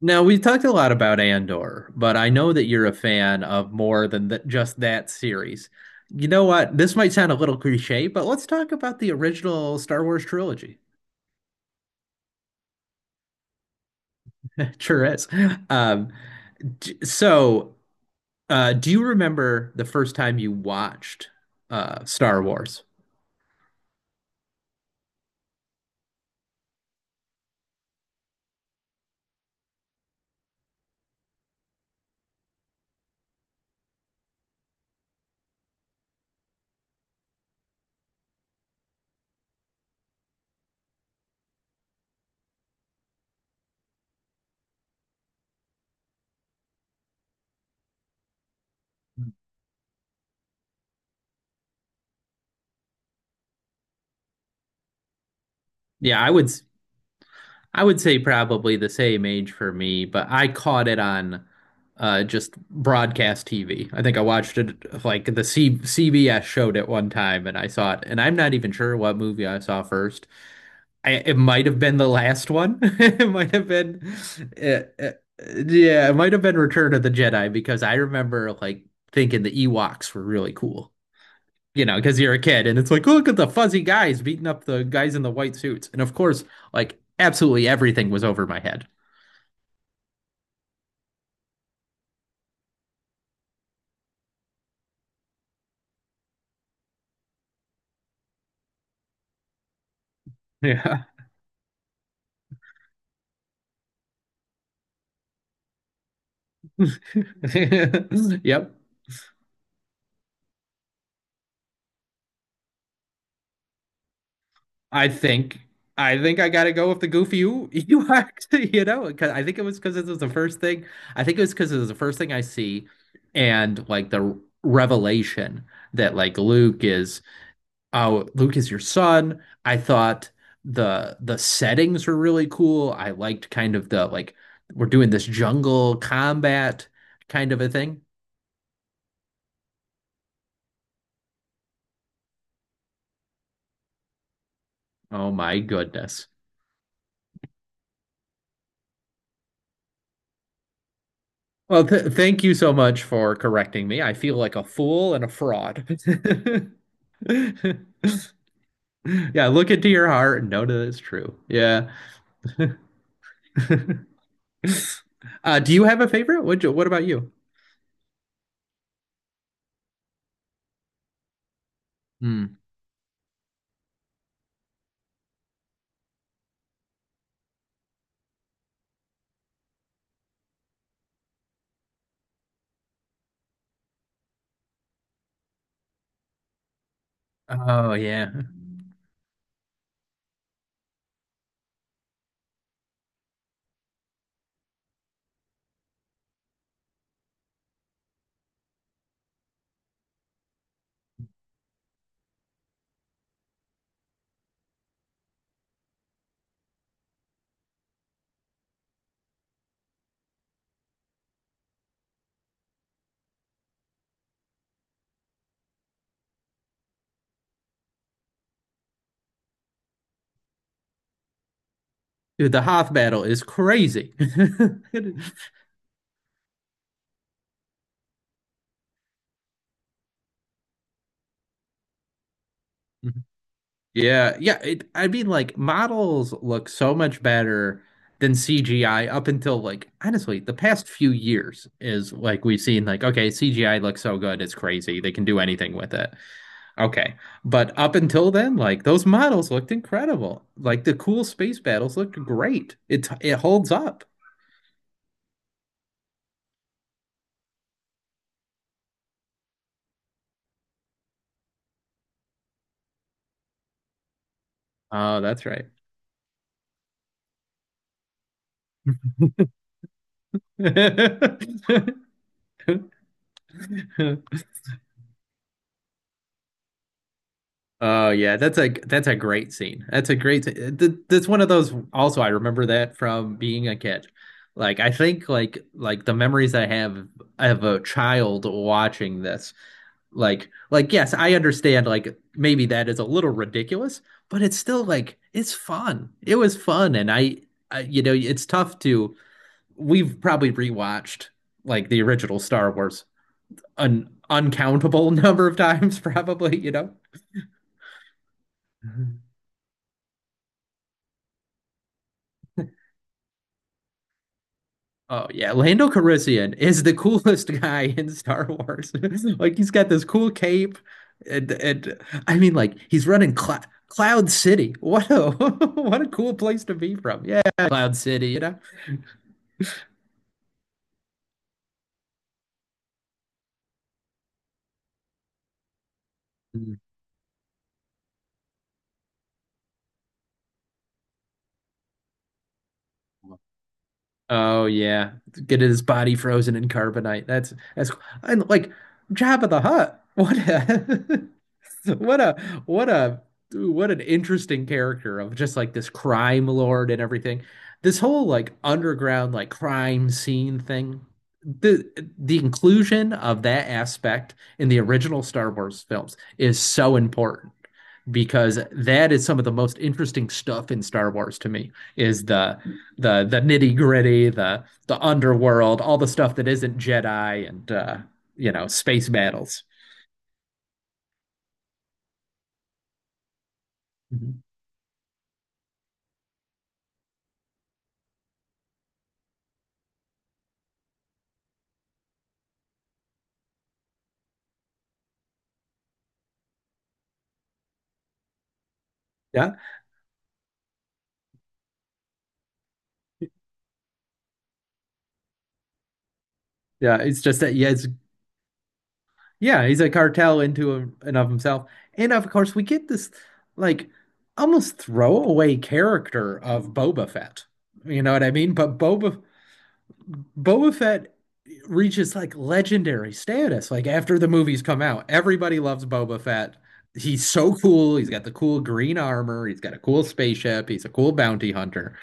Now, we talked a lot about Andor, but I know that you're a fan of more than th just that series. You know what? This might sound a little cliche, but let's talk about the original Star Wars trilogy. Sure is. Um, d- so, do you remember the first time you watched Star Wars? Yeah, I would. I would say probably the same age for me, but I caught it on just broadcast TV. I think I watched it like the C CBS showed it one time and I saw it. And I'm not even sure what movie I saw first. I, it might have been the last one. Uh, uh, yeah, it might have been Return of the Jedi because I remember like thinking the Ewoks were really cool, you know, because you're a kid and it's like, look at the fuzzy guys beating up the guys in the white suits. And of course, like absolutely everything was over my head. Yeah. Yep. I think I think I gotta go with the goofy you actually, you know, because I think it was because it was the first thing. I think it was because it was the first thing I see, and like the revelation that like Luke is oh, Luke is your son. I thought the settings were really cool. I liked kind of the, like, we're doing this jungle combat kind of a thing. Oh my goodness. Well, th thank you so much for correcting me. I feel like a fool and a fraud. Yeah, look into your heart and know that it's true. Yeah. Do you have a favorite? What about you? Hmm. Oh yeah. Dude, the Hoth battle is crazy. Yeah, yeah. I mean, like, models look so much better than CGI up until, like, honestly, the past few years. Is like we've seen, like, okay, CGI looks so good, it's crazy. They can do anything with it. Okay, but up until then, like, those models looked incredible. Like, the cool space battles looked great. It holds up. Oh, that's right. Oh yeah, that's a great scene. That's a great scene. That's one of those. Also, I remember that from being a kid. Like the memories I have of a child watching this. Like yes, I understand, like, maybe that is a little ridiculous, but it's still, like, it's fun. It was fun. And I, it's tough to, we've probably rewatched like the original Star Wars an uncountable number of times probably, you know. Oh yeah, Lando Calrissian is the coolest guy in Star Wars. Like, he's got this cool cape, and I mean, like, he's running Cloud City. What a what a cool place to be from. Yeah, Cloud City, you know. Mm. Oh yeah, get his body frozen in carbonite. That's cool. And, like, Jabba the Hutt. What? What a what a what an interesting character of just, like, this crime lord and everything. This whole, like, underground like crime scene thing. The the inclusion of that aspect in the original Star Wars films is so important because that is some of the most interesting stuff in Star Wars to me is the nitty-gritty, the underworld, all the stuff that isn't Jedi and, you know, space battles. Mhm. Yeah. Yeah, it's just that yeah, it's, yeah, he's a cartel into him and of himself. And of course, we get this, like, almost throwaway character of Boba Fett. You know what I mean? But Boba Fett reaches like legendary status. Like, after the movies come out, everybody loves Boba Fett. He's so cool. He's got the cool green armor. He's got a cool spaceship. He's a cool bounty hunter.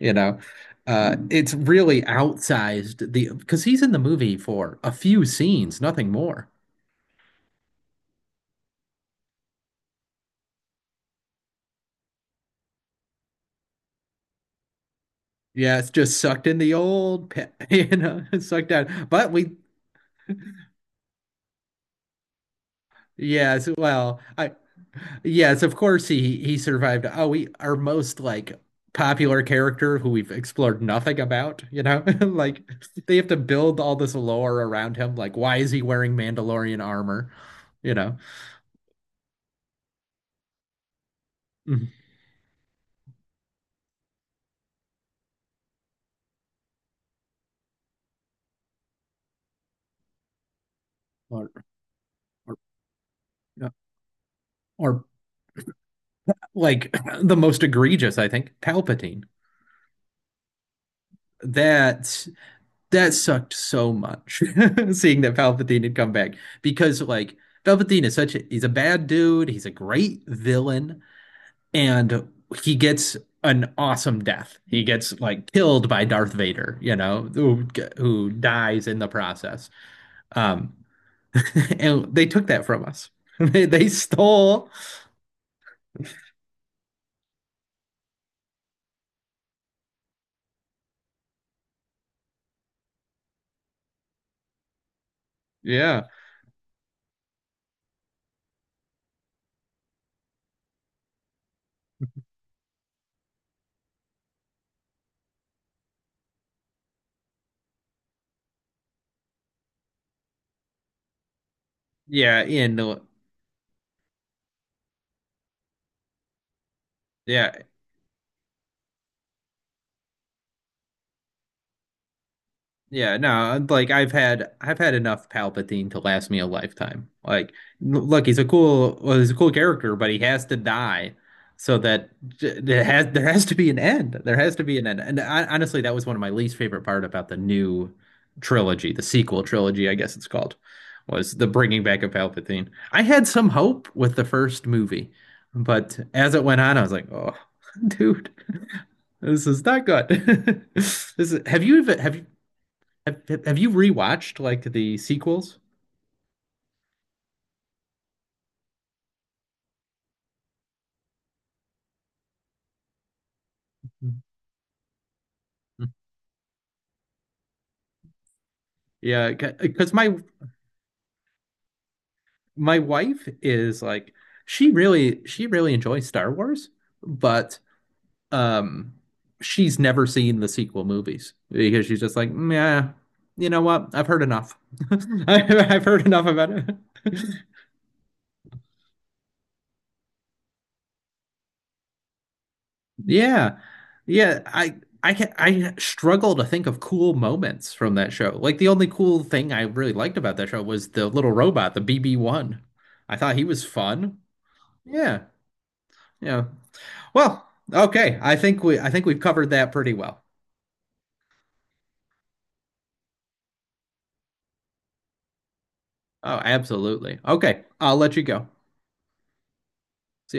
You know, it's really outsized, the because he's in the movie for a few scenes, nothing more. Yeah, it's just sucked in the old pit, you know, sucked out. But we, yes, well, I, yes, of course he survived. Oh, we, our most like popular character who we've explored nothing about, you know, like, they have to build all this lore around him. Like, why is he wearing Mandalorian armor? You know, Mhm. or or, or, like, the most egregious, I think, Palpatine. That that sucked so much seeing that Palpatine had come back because, like, Palpatine is such a, he's a bad dude, he's a great villain, and he gets an awesome death. He gets like killed by Darth Vader, you know, who dies in the process. Um and they took that from us. They stole, yeah. Yeah, in yeah. Yeah, no, like, I've had enough Palpatine to last me a lifetime. Like, look, he's a cool, well, he's a cool character, but he has to die so that, there has, there has to be an end. There has to be an end. And I, honestly, that was one of my least favorite part about the new trilogy, the sequel trilogy, I guess it's called, was the bringing back of Palpatine. I had some hope with the first movie, but as it went on, I was like, oh, dude, this is not good. This is, have you even have you rewatched like the sequels? Mhm. Yeah, because my wife is like, she really enjoys Star Wars, but um, she's never seen the sequel movies because she's just like, yeah, you know what? I've heard enough. I've heard enough about it. Yeah. Yeah, I I can, I struggle to think of cool moments from that show. Like, the only cool thing I really liked about that show was the little robot, the BB-1. I thought he was fun. Yeah. Yeah. Well, okay. I think we've covered that pretty well. Oh, absolutely. Okay. I'll let you go.